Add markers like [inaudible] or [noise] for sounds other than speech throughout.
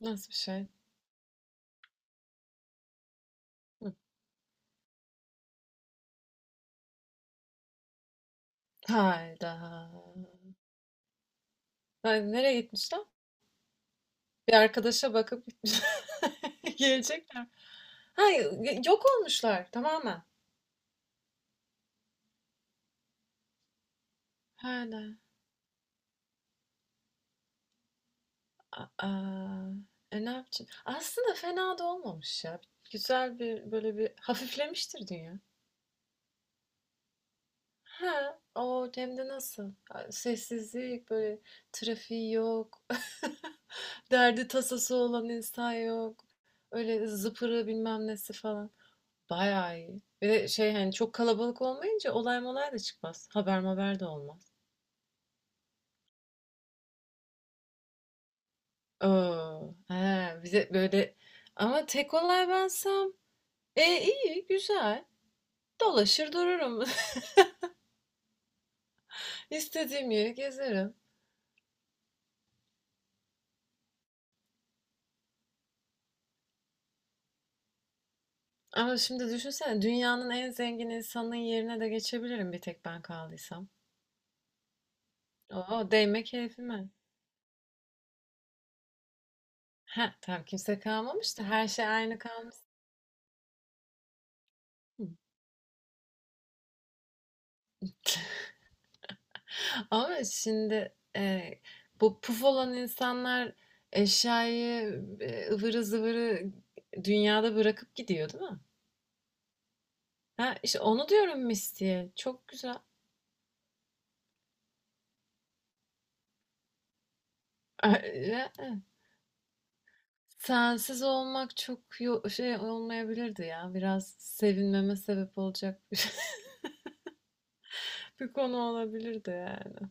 Nasıl bir şey? Hı. Hayda. Hayır, nereye gitmişler? Bir arkadaşa bakıp gitmiş. [laughs] Gelecekler. Hayır, yok olmuşlar tamamen. Hala. Aa, ne yapacağım? Aslında fena da olmamış ya. Güzel bir böyle bir hafiflemiştir dünya. Ha, o hem de nasıl? Sessizlik böyle trafiği yok. [laughs] Derdi tasası olan insan yok. Öyle zıpırı bilmem nesi falan. Bayağı iyi. Bir de şey hani çok kalabalık olmayınca olay molay da çıkmaz. Haber haber de olmaz. Oo, he, bize böyle ama tek olay bensem iyi güzel dolaşır dururum. [laughs] İstediğim yeri gezerim. Ama şimdi düşünsene dünyanın en zengin insanının yerine de geçebilirim bir tek ben kaldıysam. Oo, değme keyfime. Heh, tam kimse kalmamış da her şey aynı kalmış. Ama şimdi bu puf olan insanlar eşyayı ıvırı zıvırı dünyada bırakıp gidiyor değil mi? Ha, işte onu diyorum Misty'ye. Çok güzel. [laughs] Sensiz olmak çok şey olmayabilirdi ya. Biraz sevinmeme sebep olacak bir, [laughs] bir konu olabilirdi yani.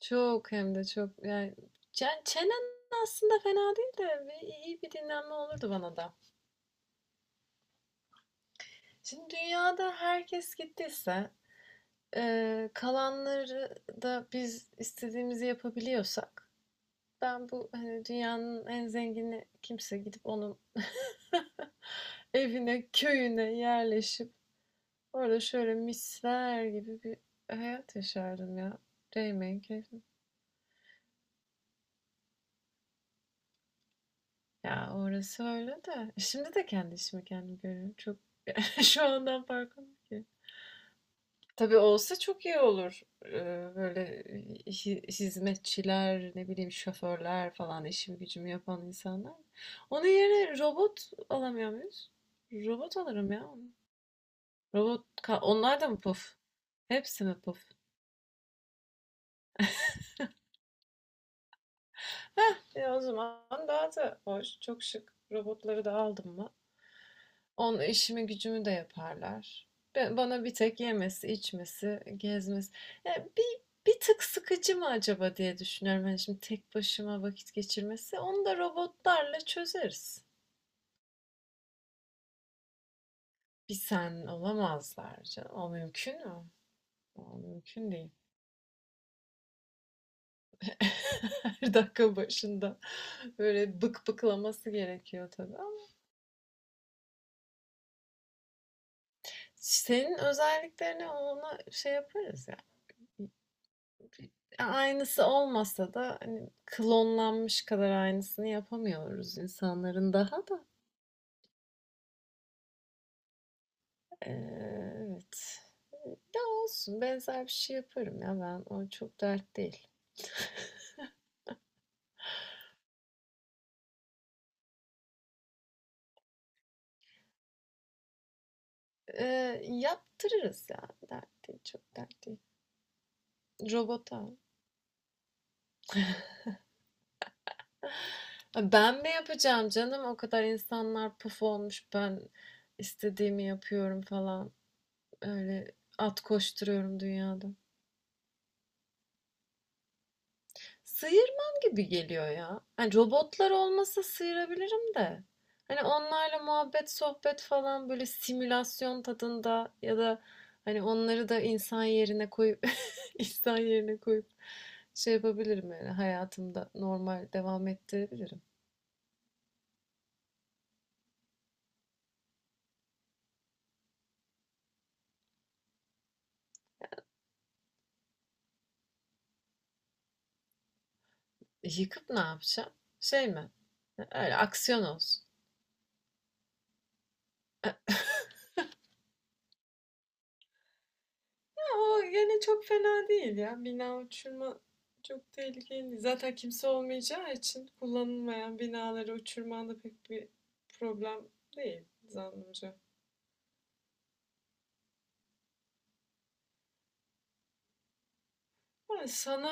Çok hem de çok yani çenen aslında fena değil de iyi bir dinlenme olurdu bana da. Şimdi dünyada herkes gittiyse kalanları da biz istediğimizi yapabiliyorsak ben bu hani dünyanın en zengini kimse gidip onun [laughs] evine, köyüne yerleşip orada şöyle misler gibi bir hayat yaşardım ya. Değmeyin keyfim. Ya orası öyle de. Şimdi de kendi işimi kendim görüyorum. Çok [laughs] şu andan farkım ki. Tabii olsa çok iyi olur. Böyle hizmetçiler, ne bileyim şoförler falan işimi gücümü yapan insanlar. Onun yerine robot alamıyor muyuz? Robot alırım ya. Robot, onlar da mı puf? Hepsi mi puf? E, o zaman daha da hoş, çok şık. Robotları da aldım mı? Onun işimi gücümü de yaparlar. Ben, bana bir tek yemesi, içmesi, gezmesi. Ya bir, bir tık sıkıcı mı acaba diye düşünüyorum. Hani şimdi tek başıma vakit geçirmesi. Onu da robotlarla çözeriz. Bir sen olamazlar canım. O mümkün mü? O mümkün değil. [laughs] Her dakika başında böyle bık bıklaması gerekiyor tabii ama senin özelliklerine ona şey yaparız ya. Aynısı olmasa da hani klonlanmış kadar aynısını yapamıyoruz insanların daha da. Ee, evet. Ya olsun benzer bir şey yaparım ya ben o çok dert değil. Ee, yaptırırız ya dert değil çok dert değil. Robota. Ha, ben mi yapacağım canım o kadar insanlar puf olmuş ben istediğimi yapıyorum falan öyle at koşturuyorum dünyada. Sıyırmam gibi geliyor ya. Hani robotlar olmasa sıyırabilirim de. Hani onlarla muhabbet, sohbet falan böyle simülasyon tadında ya da hani onları da insan yerine koyup [laughs] insan yerine koyup şey yapabilirim yani hayatımda normal devam ettirebilirim. E, yıkıp ne yapacağım? Şey mi? Öyle aksiyon olsun. [laughs] O gene çok fena değil ya. Bina uçurma çok tehlikeli değil. Zaten kimse olmayacağı için kullanılmayan binaları uçurman da pek bir problem değil zannımca. Ama sana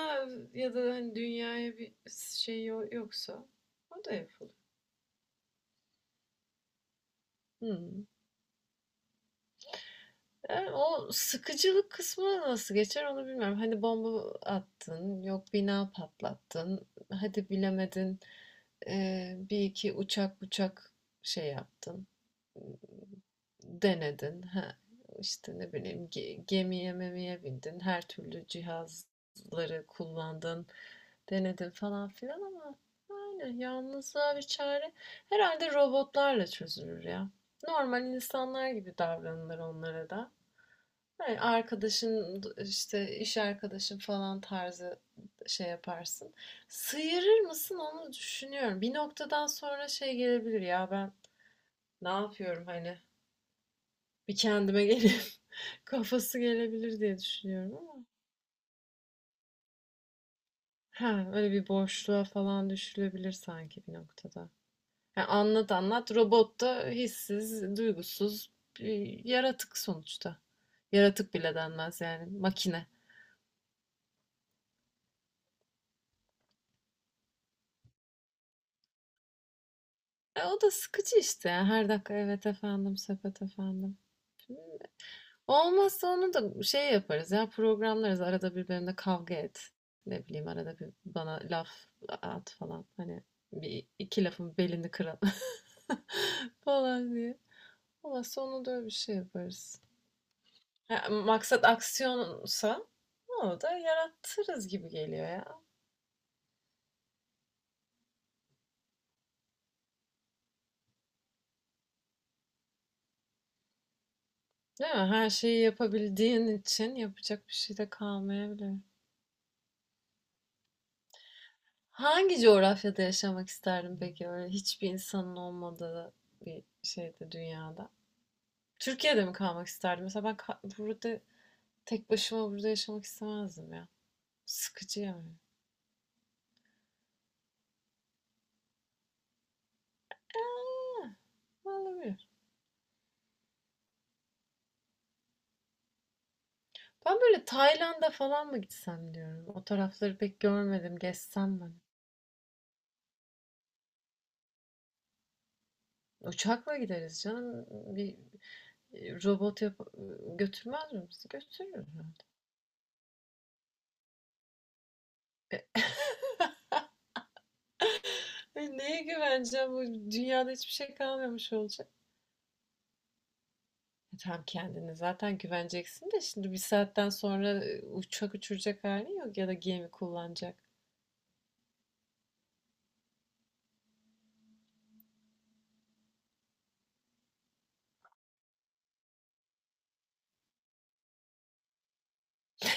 ya da hani dünyaya bir şey yoksa o da yapılır. Hmm. Yani o sıkıcılık kısmı nasıl geçer onu bilmiyorum. Hani bomba attın, yok bina patlattın, hadi bilemedin e, bir iki uçak şey yaptın. Denedin. Ha, işte ne bileyim gemiye memiye bindin. Her türlü cihazları kullandın. Denedin falan filan ama yani yalnızlığa bir çare. Herhalde robotlarla çözülür ya. Normal insanlar gibi davranılır onlara da. Yani arkadaşın işte iş arkadaşın falan tarzı şey yaparsın. Sıyırır mısın onu düşünüyorum. Bir noktadan sonra şey gelebilir ya ben ne yapıyorum hani bir kendime gelip [laughs] kafası gelebilir diye düşünüyorum ama. Ha, öyle bir boşluğa falan düşülebilir sanki bir noktada. Yani anlat anlat robot da hissiz, duygusuz bir yaratık sonuçta. Yaratık bile denmez yani makine. E, o da sıkıcı işte. Ya. Her dakika evet efendim, sepet efendim. Olmazsa onu da şey yaparız ya programlarız arada bir benimle kavga et. Ne bileyim arada bir bana laf at falan. Hani bir iki lafın belini kıralım [laughs] falan diye. Olmazsa onu da öyle bir şey yaparız. Ha, maksat aksiyonsa onu da yarattırız gibi geliyor ya. Değil mi? Her şeyi yapabildiğin için yapacak bir şey de kalmayabilir. Hangi coğrafyada yaşamak isterdin peki? Öyle hiçbir insanın olmadığı bir şeyde dünyada. Türkiye'de mi kalmak isterdim? Mesela ben burada tek başıma burada yaşamak istemezdim ya. Sıkıcı yani. Aa, olabilir. Ben böyle Tayland'a falan mı gitsem diyorum. O tarafları pek görmedim. Gezsem ben. Uçakla gideriz canım. Bir robot yap götürmez mi bizi? Götürür herhalde. E, neye güveneceğim? Bu dünyada hiçbir şey kalmamış olacak. E, tamam kendine zaten güveneceksin de şimdi bir saatten sonra uçak uçuracak halin yok ya da gemi kullanacak.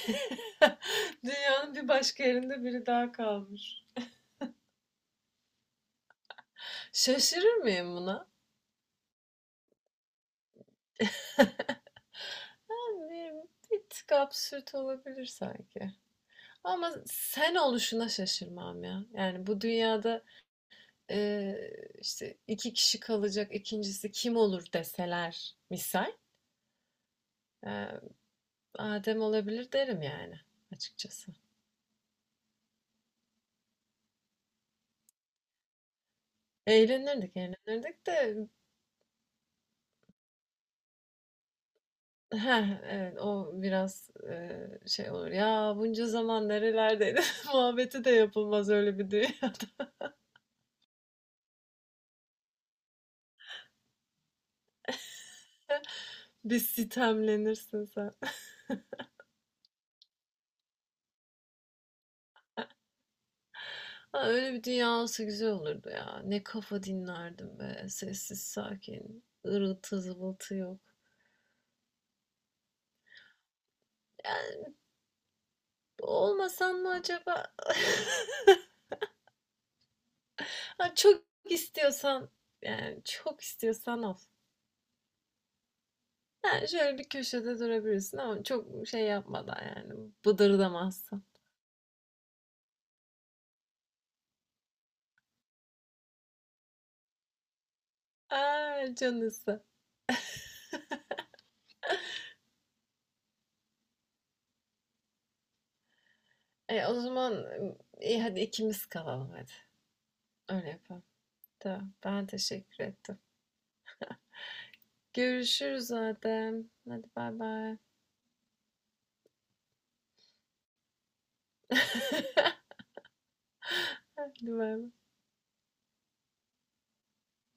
[laughs] Dünyanın bir başka yerinde biri daha kalmış. Şaşırır mıyım buna? Yani bir tık absürt olabilir sanki. Ama sen oluşuna şaşırmam ya. Yani bu dünyada e, işte iki kişi kalacak ikincisi kim olur deseler misal. e, Adem olabilir derim yani açıkçası. Eğlenirdik, eğlenirdik de heh, evet, o biraz, şey olur. "Ya, bunca zaman nerelerdeydin?" [laughs] muhabbeti de yapılmaz öyle bir dünya. [laughs] Bir sitemlenirsin sen. Ha, öyle bir dünya olsa güzel olurdu ya. Ne kafa dinlerdim be. Sessiz, sakin. Irıltı zıvıltı yok. Yani olmasan mı acaba? [laughs] Ha, çok istiyorsan, yani çok istiyorsan al. Yani şöyle bir köşede durabilirsin ama çok şey yapmadan yani bıdırdamazsan. Ay, canısı. E, o zaman iyi hadi ikimiz kalalım hadi. Öyle yapalım. Tamam. Ben teşekkür ettim. Görüşürüz Adem. Hadi baybay. Hadi baybay.